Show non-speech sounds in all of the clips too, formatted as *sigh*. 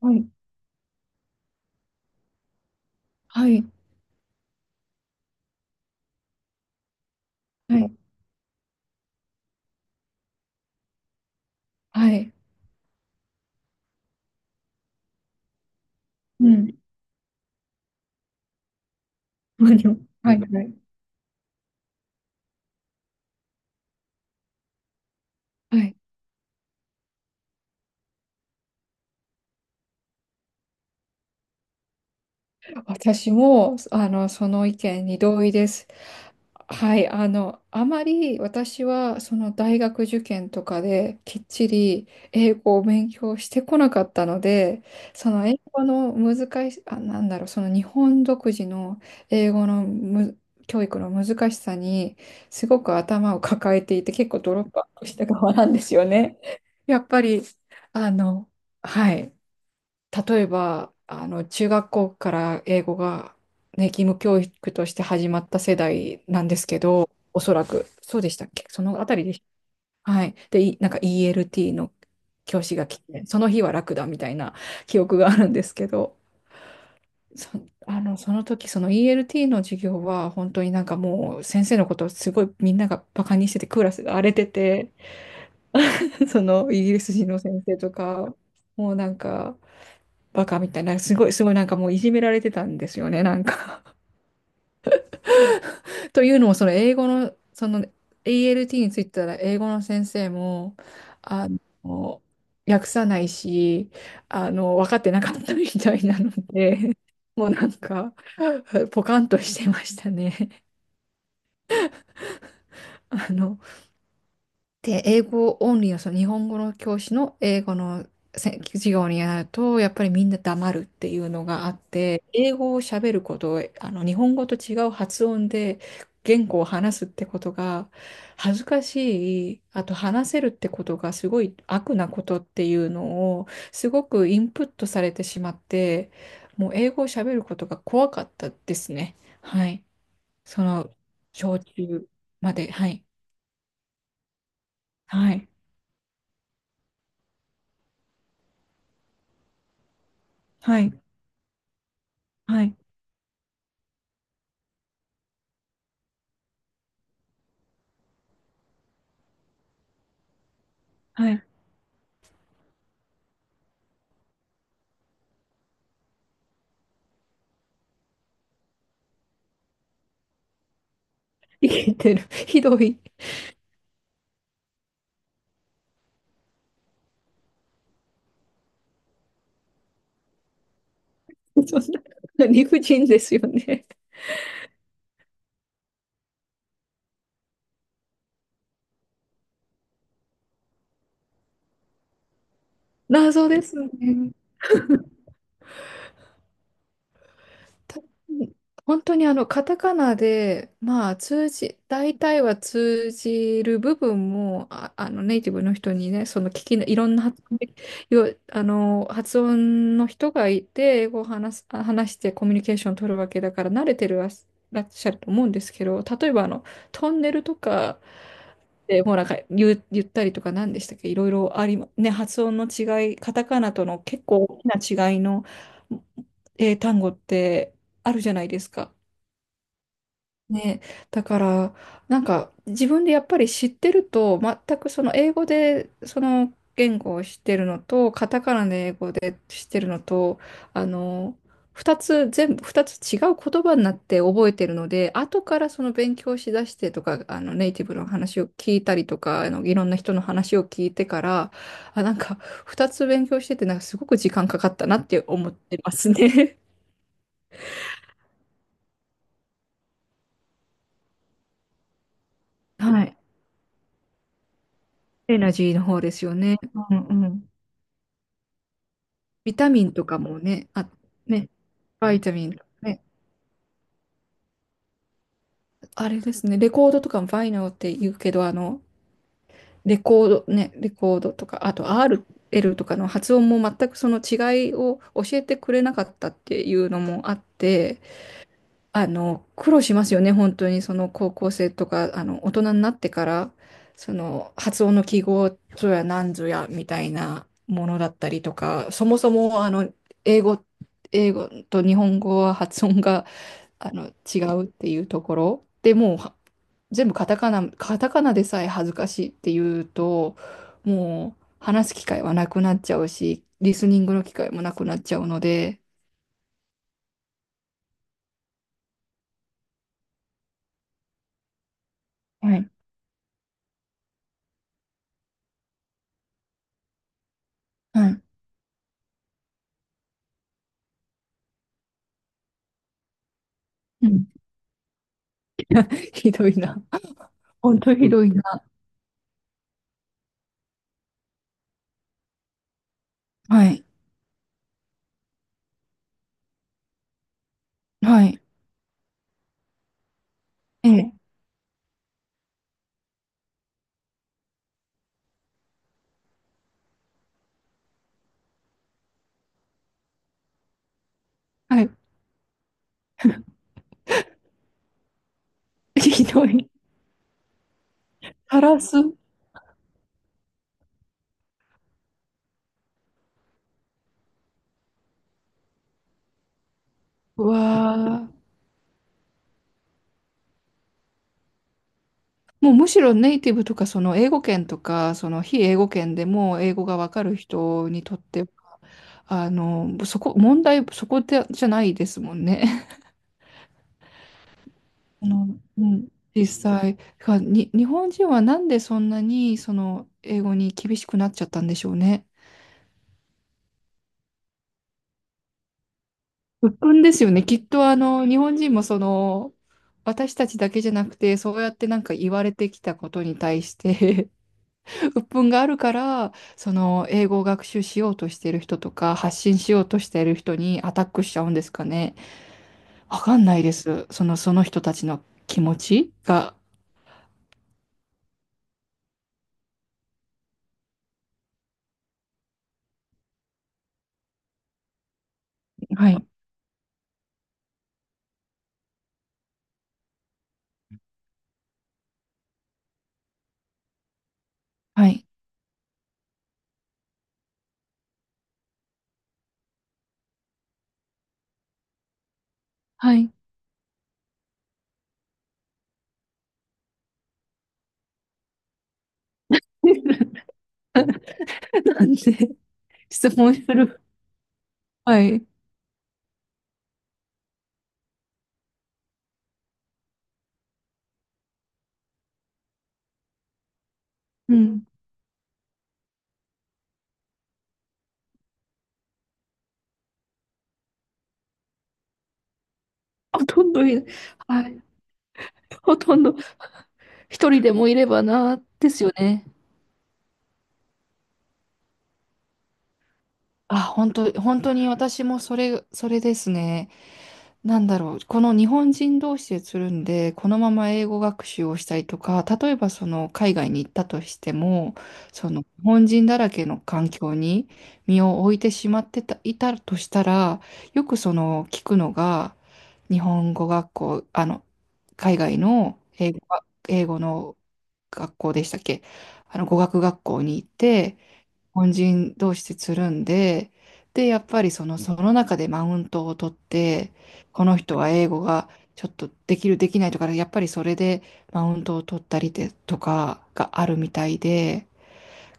はい、はい、はい、はい、うん、何をはい、はい、はい。私も、その意見に同意です。はい、あまり私は、その大学受験とかできっちり英語を勉強してこなかったので、その英語の難し、その日本独自の英語のむ、教育の難しさに、すごく頭を抱えていて、結構ドロップアウトした側なんですよね。やっぱり、あの、はい。例えば、中学校から英語が、ね、義務教育として始まった世代なんですけど、おそらく、そうでしたっけそのあたりでした。はい。で、いなんか ELT の教師が来て、その日は楽だみたいな記憶があるんですけど、そ、その時、その ELT の授業は、本当にもう、先生のことをすごいみんながバカにしてて、クラスが荒れてて、*laughs* そのイギリス人の先生とか、もうバカみたいな、すごい、すごいもういじめられてたんですよね、*laughs* というのも、その英語の、その ALT についてたら、英語の先生も、あの、訳さないし、分かってなかったみたいなので、もうポカンとしてましたね。あの、で、英語オンリーの、その日本語の教師の英語の授業になると、やっぱりみんな黙るっていうのがあって、英語を喋ること、日本語と違う発音で言語を話すってことが恥ずかしい、あと話せるってことがすごい悪なことっていうのを、すごくインプットされてしまって、もう英語を喋ることが怖かったですね。はい。その、小中まで。はい。はい。はい。はい。はい。生きてる。*laughs* ひどい。そんな理不尽ですよね。謎ですね。た本当にカタカナで、まあ、大体は通じる部分も、ネイティブの人にね、その聞きの、いろんな発音で、よ、あの、発音の人がいて、英語を話す、あ話してコミュニケーションを取るわけだから、慣れてるらっしゃると思うんですけど、例えばトンネルとか、で、もう言ったりとか何でしたっけ、いろいろありま、ね、発音の違い、カタカナとの結構大きな違いの、単語ってあるじゃないですか。ね、だから自分でやっぱり知ってると全くその英語でその言語を知ってるのとカタカナで英語で知ってるのとあの2つ全部2つ違う言葉になって覚えてるので、後からその勉強しだしてとかネイティブの話を聞いたりとかいろんな人の話を聞いてから、あなんか2つ勉強しててすごく時間かかったなって思ってますね。*laughs* はい。*laughs* エナジーの方ですよね。うんうん、ビタミンとかもね、あ、ね、バイタミン、ね、あれですね、レコードとかもファイナルって言うけど、レコード、ね、レコードとか、あと RL とかの発音も全くその違いを教えてくれなかったっていうのもあって、苦労しますよね、本当に、その高校生とか、大人になってから、その発音の記号ぞやなんぞやみたいなものだったりとか、そもそも、英語、英語と日本語は発音が、あの、違うっていうところ。でもう、全部カタカナ、カタカナでさえ恥ずかしいっていうと、もう、話す機会はなくなっちゃうし、リスニングの機会もなくなっちゃうので、はい、はい。うん。 *laughs* ひどいな。本当とひどいな。はい。はい。ええ。はい。*laughs* ひどい。タラスは、もうむしろネイティブとか、その英語圏とか、その非英語圏でも英語がわかる人にとっては、そこでじゃないですもんね。*laughs* あの、うん。実際、日本人はなんでそんなにその英語に厳しくなっちゃったんでしょうね。鬱憤ですよね。きっと日本人もその、私たちだけじゃなくて、そうやって言われてきたことに対して *laughs* 鬱憤があるから、その、英語を学習しようとしてる人とか、発信しようとしてる人にアタックしちゃうんですかね。わかんないです。その人たちの気持ちが。はい。はい。はい。なんで、質問する。はい。うん。ほとんどい、はい。ほとんど、一人でもいればな、ですよね。あ、本当、本当に私もそれ、それですね。なんだろう。この日本人同士でつるんで、このまま英語学習をしたりとか、例えばその海外に行ったとしても、その日本人だらけの環境に身を置いてしまってた、いたとしたら、よくその聞くのが、日本語学校、海外の英語が、英語の学校でしたっけ、語学学校に行って、日本人同士でつるんで、で、やっぱりその中でマウントを取って、この人は英語がちょっとできる、できないとか、やっぱりそれでマウントを取ったりでとかがあるみたいで、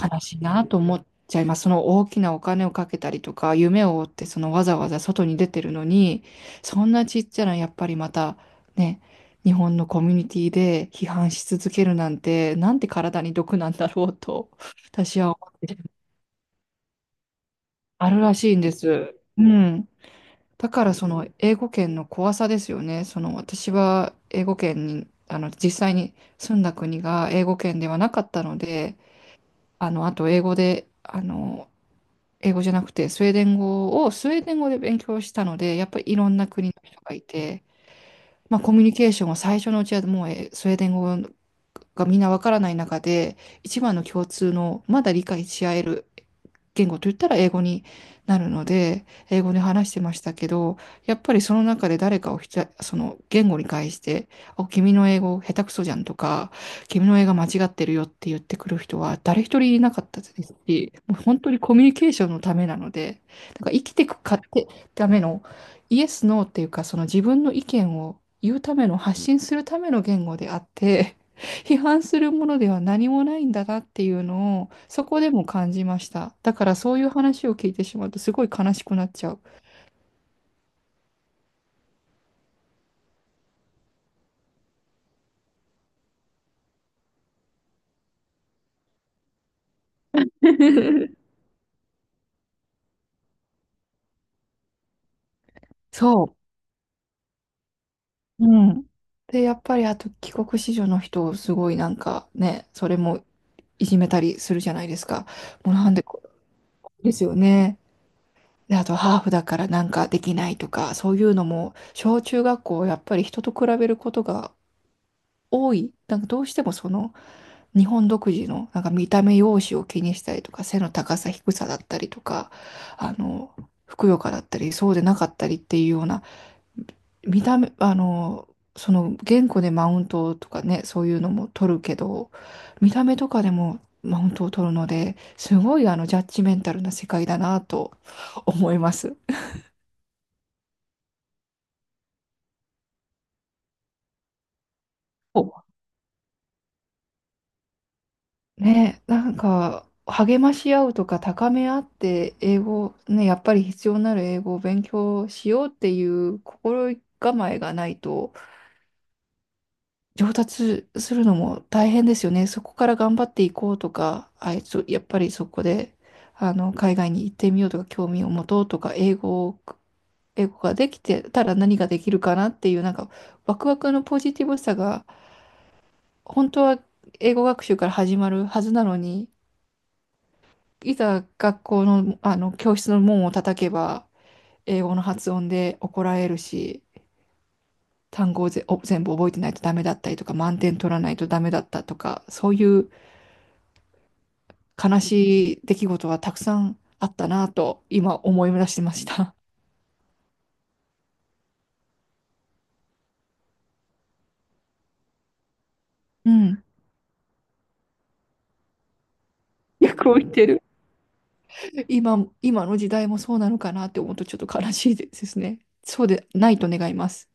悲しいなと思っちゃいます。その大きなお金をかけたりとか、夢を追って、そのわざわざ外に出てるのに、そんなちっちゃな、やっぱりまた、ね、日本のコミュニティで批判し続けるなんて、なんて体に毒なんだろうと、私は思う。あるらしいんです。うん。だからその英語圏の怖さですよね。その私は英語圏に、実際に住んだ国が英語圏ではなかったので、あの、あと英語で、英語じゃなくてスウェーデン語をスウェーデン語で勉強したので、やっぱりいろんな国の人がいて、まあ、コミュニケーションは最初のうちはもう、スウェーデン語がみんなわからない中で、一番の共通のまだ理解し合える言語といったら英語になるので、英語で話してましたけど、やっぱりその中で誰かをひた、その言語に返して、お、君の英語下手くそじゃんとか、君の英語間違ってるよって言ってくる人は誰一人いなかったですし、もう本当にコミュニケーションのためなので、生きていくかってためのイエス、ノーっていうか、その自分の意見を言うための、発信するための言語であって、*laughs* 批判するものでは何もないんだなっていうのを、そこでも感じました。だからそういう話を聞いてしまうと、すごい悲しくなっちゃう。*laughs* そう。うん。で、やっぱりあと帰国子女の人をすごいね、それもいじめたりするじゃないですか。もうなんでこ、ですよね。で、あとハーフだからできないとか、そういうのも、小中学校、やっぱり人と比べることが多い。どうしてもその、日本独自の、見た目、容姿を気にしたりとか、背の高さ、低さだったりとか、あの、ふくよかだったり、そうでなかったりっていうような、見た目、その言語でマウントとかね、そういうのも取るけど、見た目とかでもマウントを取るので、すごいジャッジメンタルな世界だなと思います。ね、励まし合うとか、高め合って、英語、ね、やっぱり必要なる英語を勉強しようっていう心構えがないと、上達するのも大変ですよね。そこから頑張っていこうとか、あいつ、やっぱりそこで、海外に行ってみようとか、興味を持とうとか、英語ができてたら何ができるかなっていう、ワクワクのポジティブさが、本当は英語学習から始まるはずなのに、いざ学校の、あの教室の門を叩けば英語の発音で怒られるし、単語を全部覚えてないとダメだったりとか、満点取らないとダメだったとか、そういう悲しい出来事はたくさんあったなと今思い出してました。うん。逆を言ってる。今、今の時代もそうなのかなって思うとちょっと悲しいですね。そうでないと願います。